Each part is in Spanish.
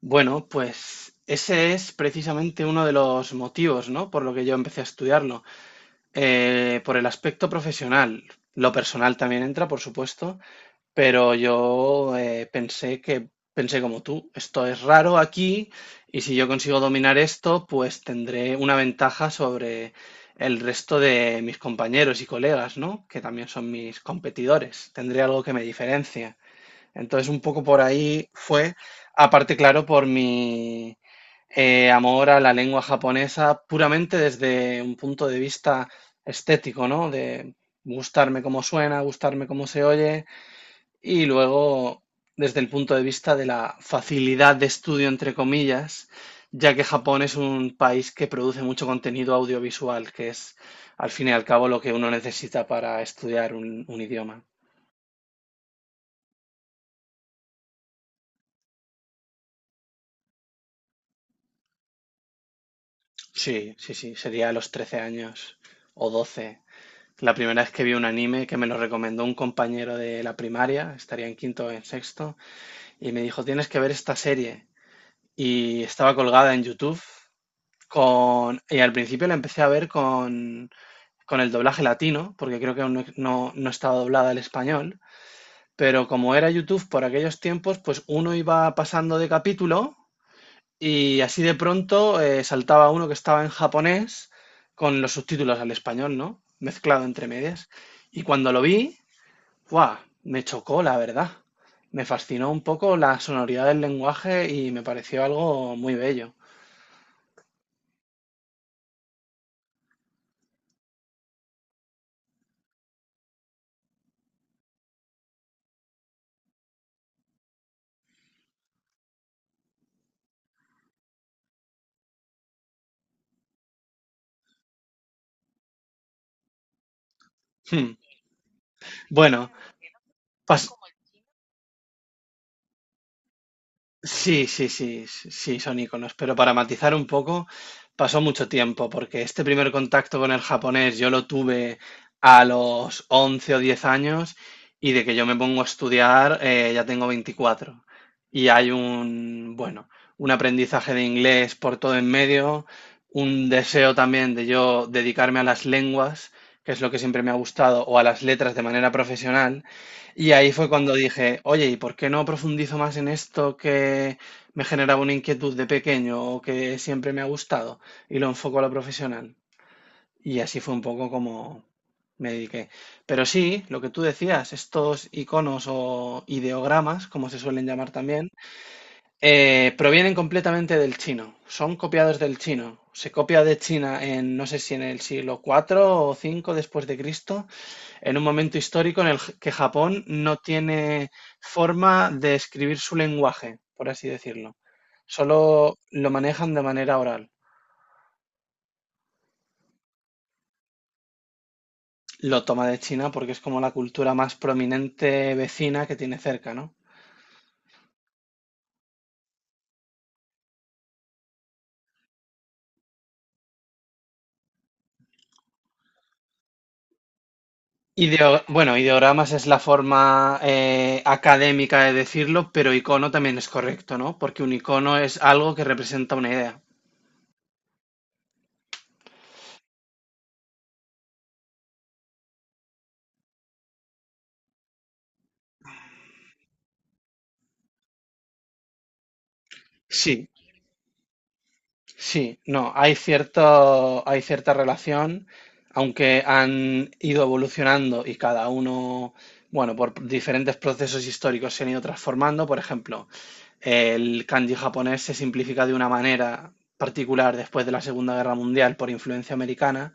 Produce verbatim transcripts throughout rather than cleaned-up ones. Bueno, pues ese es precisamente uno de los motivos, ¿no? Por lo que yo empecé a estudiarlo. Eh, por el aspecto profesional. Lo personal también entra, por supuesto, pero yo eh, pensé que, pensé como tú, esto es raro aquí y si yo consigo dominar esto, pues tendré una ventaja sobre el resto de mis compañeros y colegas, ¿no? Que también son mis competidores. Tendré algo que me diferencia. Entonces, un poco por ahí fue, aparte, claro, por mi eh, amor a la lengua japonesa, puramente desde un punto de vista estético, ¿no? De gustarme cómo suena, gustarme cómo se oye, y luego desde el punto de vista de la facilidad de estudio, entre comillas, ya que Japón es un país que produce mucho contenido audiovisual, que es al fin y al cabo lo que uno necesita para estudiar un un idioma. Sí, sí, sí, sería a los trece años o doce. La primera vez que vi un anime que me lo recomendó un compañero de la primaria, estaría en quinto o en sexto, y me dijo, tienes que ver esta serie. Y estaba colgada en YouTube con... Y al principio la empecé a ver con, con el doblaje latino, porque creo que aún no, no, no estaba doblada al español, pero como era YouTube por aquellos tiempos, pues uno iba pasando de capítulo y así de pronto eh, saltaba uno que estaba en japonés con los subtítulos al español, ¿no? Mezclado entre medias. Y cuando lo vi, ¡guau! Me chocó, la verdad. Me fascinó un poco la sonoridad del lenguaje y me pareció algo muy bello. Hmm. Bueno, pas- Sí, sí, sí, s- sí, son iconos. Pero para matizar un poco, pasó mucho tiempo, porque este primer contacto con el japonés yo lo tuve a los once o diez años y de que yo me pongo a estudiar eh, ya tengo veinticuatro. Y hay un, bueno, un aprendizaje de inglés por todo en medio, un deseo también de yo dedicarme a las lenguas, que es lo que siempre me ha gustado, o a las letras de manera profesional. Y ahí fue cuando dije, oye, ¿y por qué no profundizo más en esto que me generaba una inquietud de pequeño o que siempre me ha gustado? Y lo enfoco a lo profesional. Y así fue un poco como me dediqué. Pero sí, lo que tú decías, estos iconos o ideogramas, como se suelen llamar también, eh, provienen completamente del chino. Son copiados del chino. Se copia de China en, no sé si en el siglo cuatro o cinco después de Cristo en un momento histórico en el que Japón no tiene forma de escribir su lenguaje, por así decirlo. Solo lo manejan de manera oral. Lo toma de China porque es como la cultura más prominente vecina que tiene cerca, ¿no? Ideo- bueno, ideogramas es la forma eh, académica de decirlo, pero icono también es correcto, ¿no? Porque un icono es algo que representa una idea. Sí, sí, no, hay cierto, hay cierta relación, aunque han ido evolucionando y cada uno, bueno, por diferentes procesos históricos se han ido transformando. Por ejemplo, el kanji japonés se simplifica de una manera particular después de la Segunda Guerra Mundial por influencia americana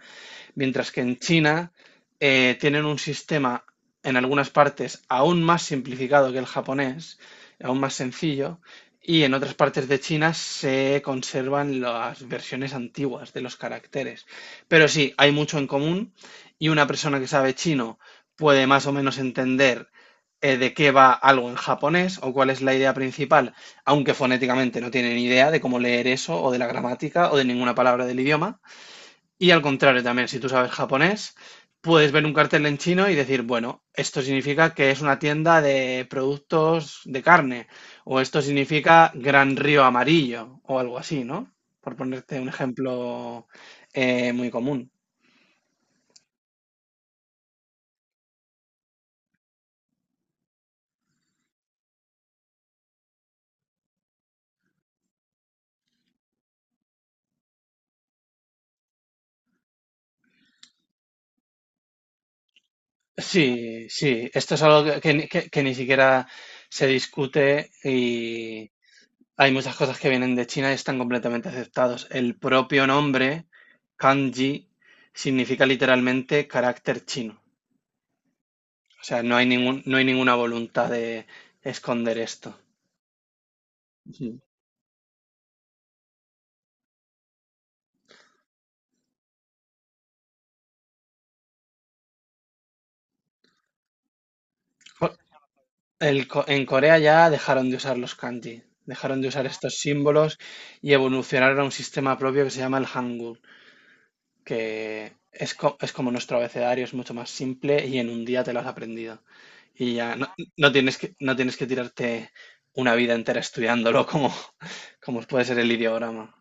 mientras que en China eh, tienen un sistema en algunas partes aún más simplificado que el japonés, aún más sencillo, y en otras partes de China se conservan las versiones antiguas de los caracteres. Pero sí, hay mucho en común y una persona que sabe chino puede más o menos entender eh, de qué va algo en japonés o cuál es la idea principal, aunque fonéticamente no tiene ni idea de cómo leer eso o de la gramática o de ninguna palabra del idioma. Y al contrario también, si tú sabes japonés, puedes ver un cartel en chino y decir, bueno, esto significa que es una tienda de productos de carne, o esto significa Gran Río Amarillo, o algo así, ¿no? Por ponerte un ejemplo eh, muy común. Sí, sí, esto es algo que, que ni que- que ni siquiera se discute y hay muchas cosas que vienen de China y están completamente aceptados. El propio nombre, kanji, significa literalmente carácter chino. O sea, no hay, ningún, no hay ninguna voluntad de esconder esto. Ujú. Co- el co- en Corea ya dejaron de usar los kanji, dejaron de usar estos símbolos y evolucionaron a un sistema propio que se llama el Hangul, que es, co- es como nuestro abecedario, es mucho más simple y en un día te lo has aprendido. Y ya no, no tienes que, no tienes que tirarte una vida entera estudiándolo como, como puede ser el ideograma.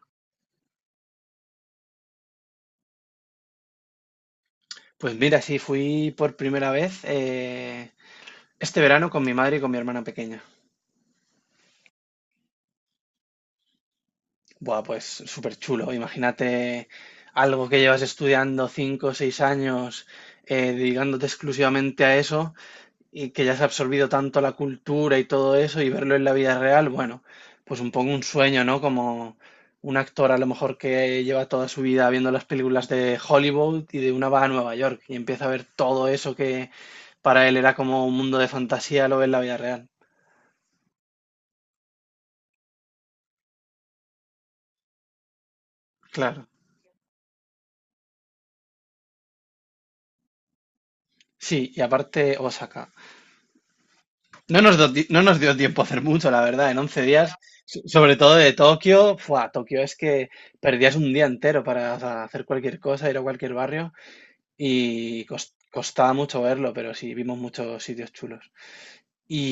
Pues mira, sí, fui por primera vez eh, este verano con mi madre y con mi hermana pequeña. Buah, pues súper chulo. Imagínate algo que llevas estudiando cinco o seis años, eh, dedicándote exclusivamente a eso y que ya se ha absorbido tanto la cultura y todo eso y verlo en la vida real, bueno, pues un poco un sueño, ¿no? Como un actor a lo mejor que lleva toda su vida viendo las películas de Hollywood y de una va a Nueva York y empieza a ver todo eso que para él era como un mundo de fantasía, lo ve en la vida real. Claro. Sí, y aparte Osaka. No nos, do- no nos dio tiempo a hacer mucho, la verdad, en once días, so- sobre todo de Tokio, fue Tokio es que perdías un día entero para ha- hacer cualquier cosa, ir a cualquier barrio y cos- costaba mucho verlo, pero sí, vimos muchos sitios chulos. Y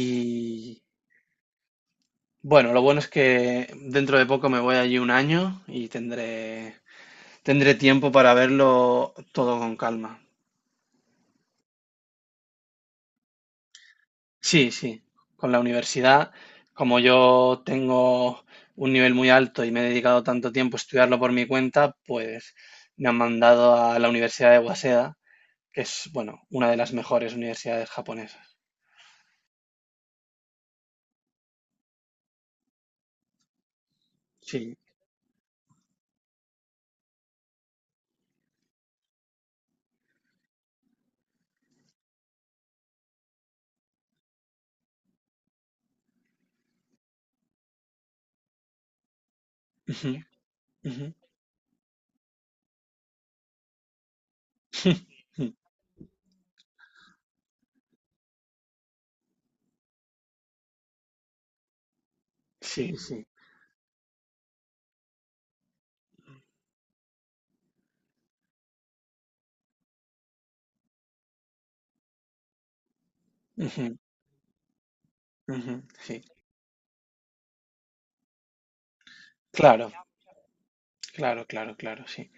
bueno, lo bueno es que dentro de poco me voy allí un año y tendré, tendré tiempo para verlo todo con calma. Sí, sí, con la universidad, como yo tengo un nivel muy alto y me he dedicado tanto tiempo a estudiarlo por mi cuenta, pues me han mandado a la Universidad de Waseda, que es, bueno, una de las mejores universidades japonesas. Sí. Ujú, ujú, sí, sí. Ujú, ujú, sí. Claro, claro, claro, claro, sí.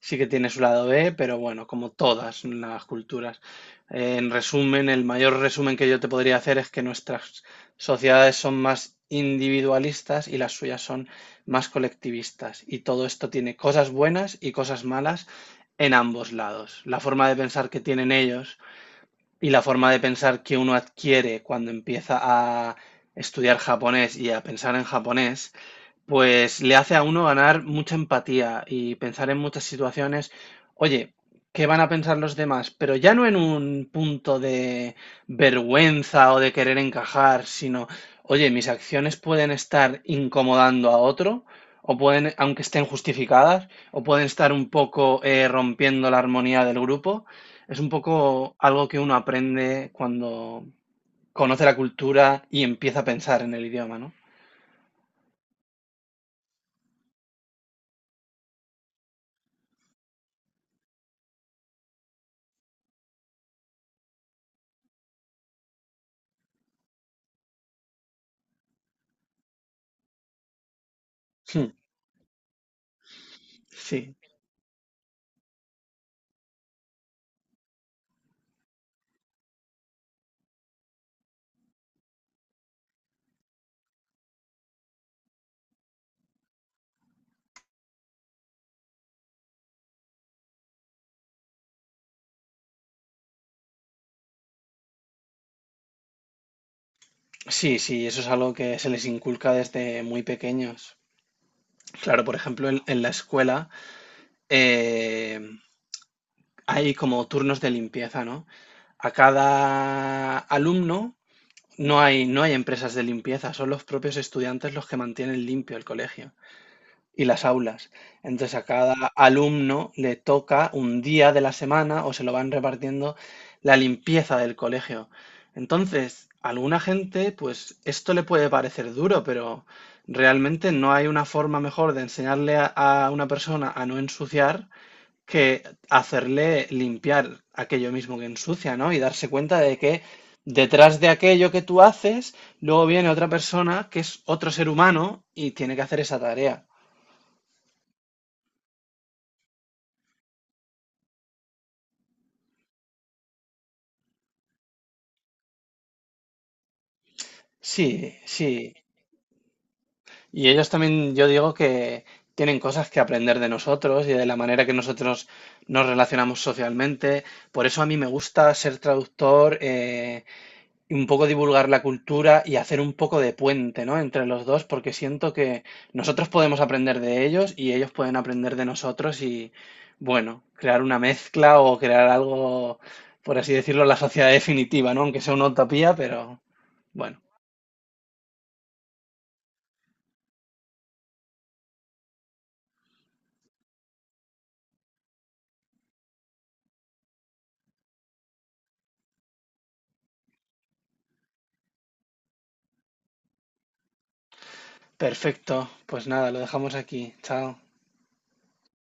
Sí que tiene su lado B, pero bueno, como todas las culturas. En resumen, el mayor resumen que yo te podría hacer es que nuestras sociedades son más individualistas y las suyas son más colectivistas. Y todo esto tiene cosas buenas y cosas malas en ambos lados. La forma de pensar que tienen ellos y la forma de pensar que uno adquiere cuando empieza a estudiar japonés y a pensar en japonés pues le hace a uno ganar mucha empatía y pensar en muchas situaciones, oye, ¿qué van a pensar los demás? Pero ya no en un punto de vergüenza o de querer encajar, sino, oye, mis acciones pueden estar incomodando a otro, o pueden, aunque estén justificadas, o pueden estar un poco eh, rompiendo la armonía del grupo. Es un poco algo que uno aprende cuando conoce la cultura y empieza a pensar en el idioma, ¿no? Hmm, sí. Sí, sí, eso es algo que se les inculca desde muy pequeños. Claro, por ejemplo, en, en la escuela eh, hay como turnos de limpieza, ¿no? A cada alumno no hay, no hay empresas de limpieza, son los propios estudiantes los que mantienen limpio el colegio y las aulas. Entonces a cada alumno le toca un día de la semana o se lo van repartiendo la limpieza del colegio. Entonces, a alguna gente, pues esto le puede parecer duro, pero realmente no hay una forma mejor de enseñarle a, a una persona a no ensuciar que hacerle limpiar aquello mismo que ensucia, ¿no? Y darse cuenta de que detrás de aquello que tú haces, luego viene otra persona que es otro ser humano y tiene que hacer esa tarea. Sí, sí. Y ellos también, yo digo que tienen cosas que aprender de nosotros y de la manera que nosotros nos relacionamos socialmente. Por eso a mí me gusta ser traductor, eh, y un poco divulgar la cultura y hacer un poco de puente, ¿no? Entre los dos, porque siento que nosotros podemos aprender de ellos y ellos pueden aprender de nosotros y, bueno, crear una mezcla o crear algo, por así decirlo, la sociedad definitiva, ¿no? Aunque sea una utopía, pero bueno. Perfecto, pues nada, lo dejamos aquí. Chao.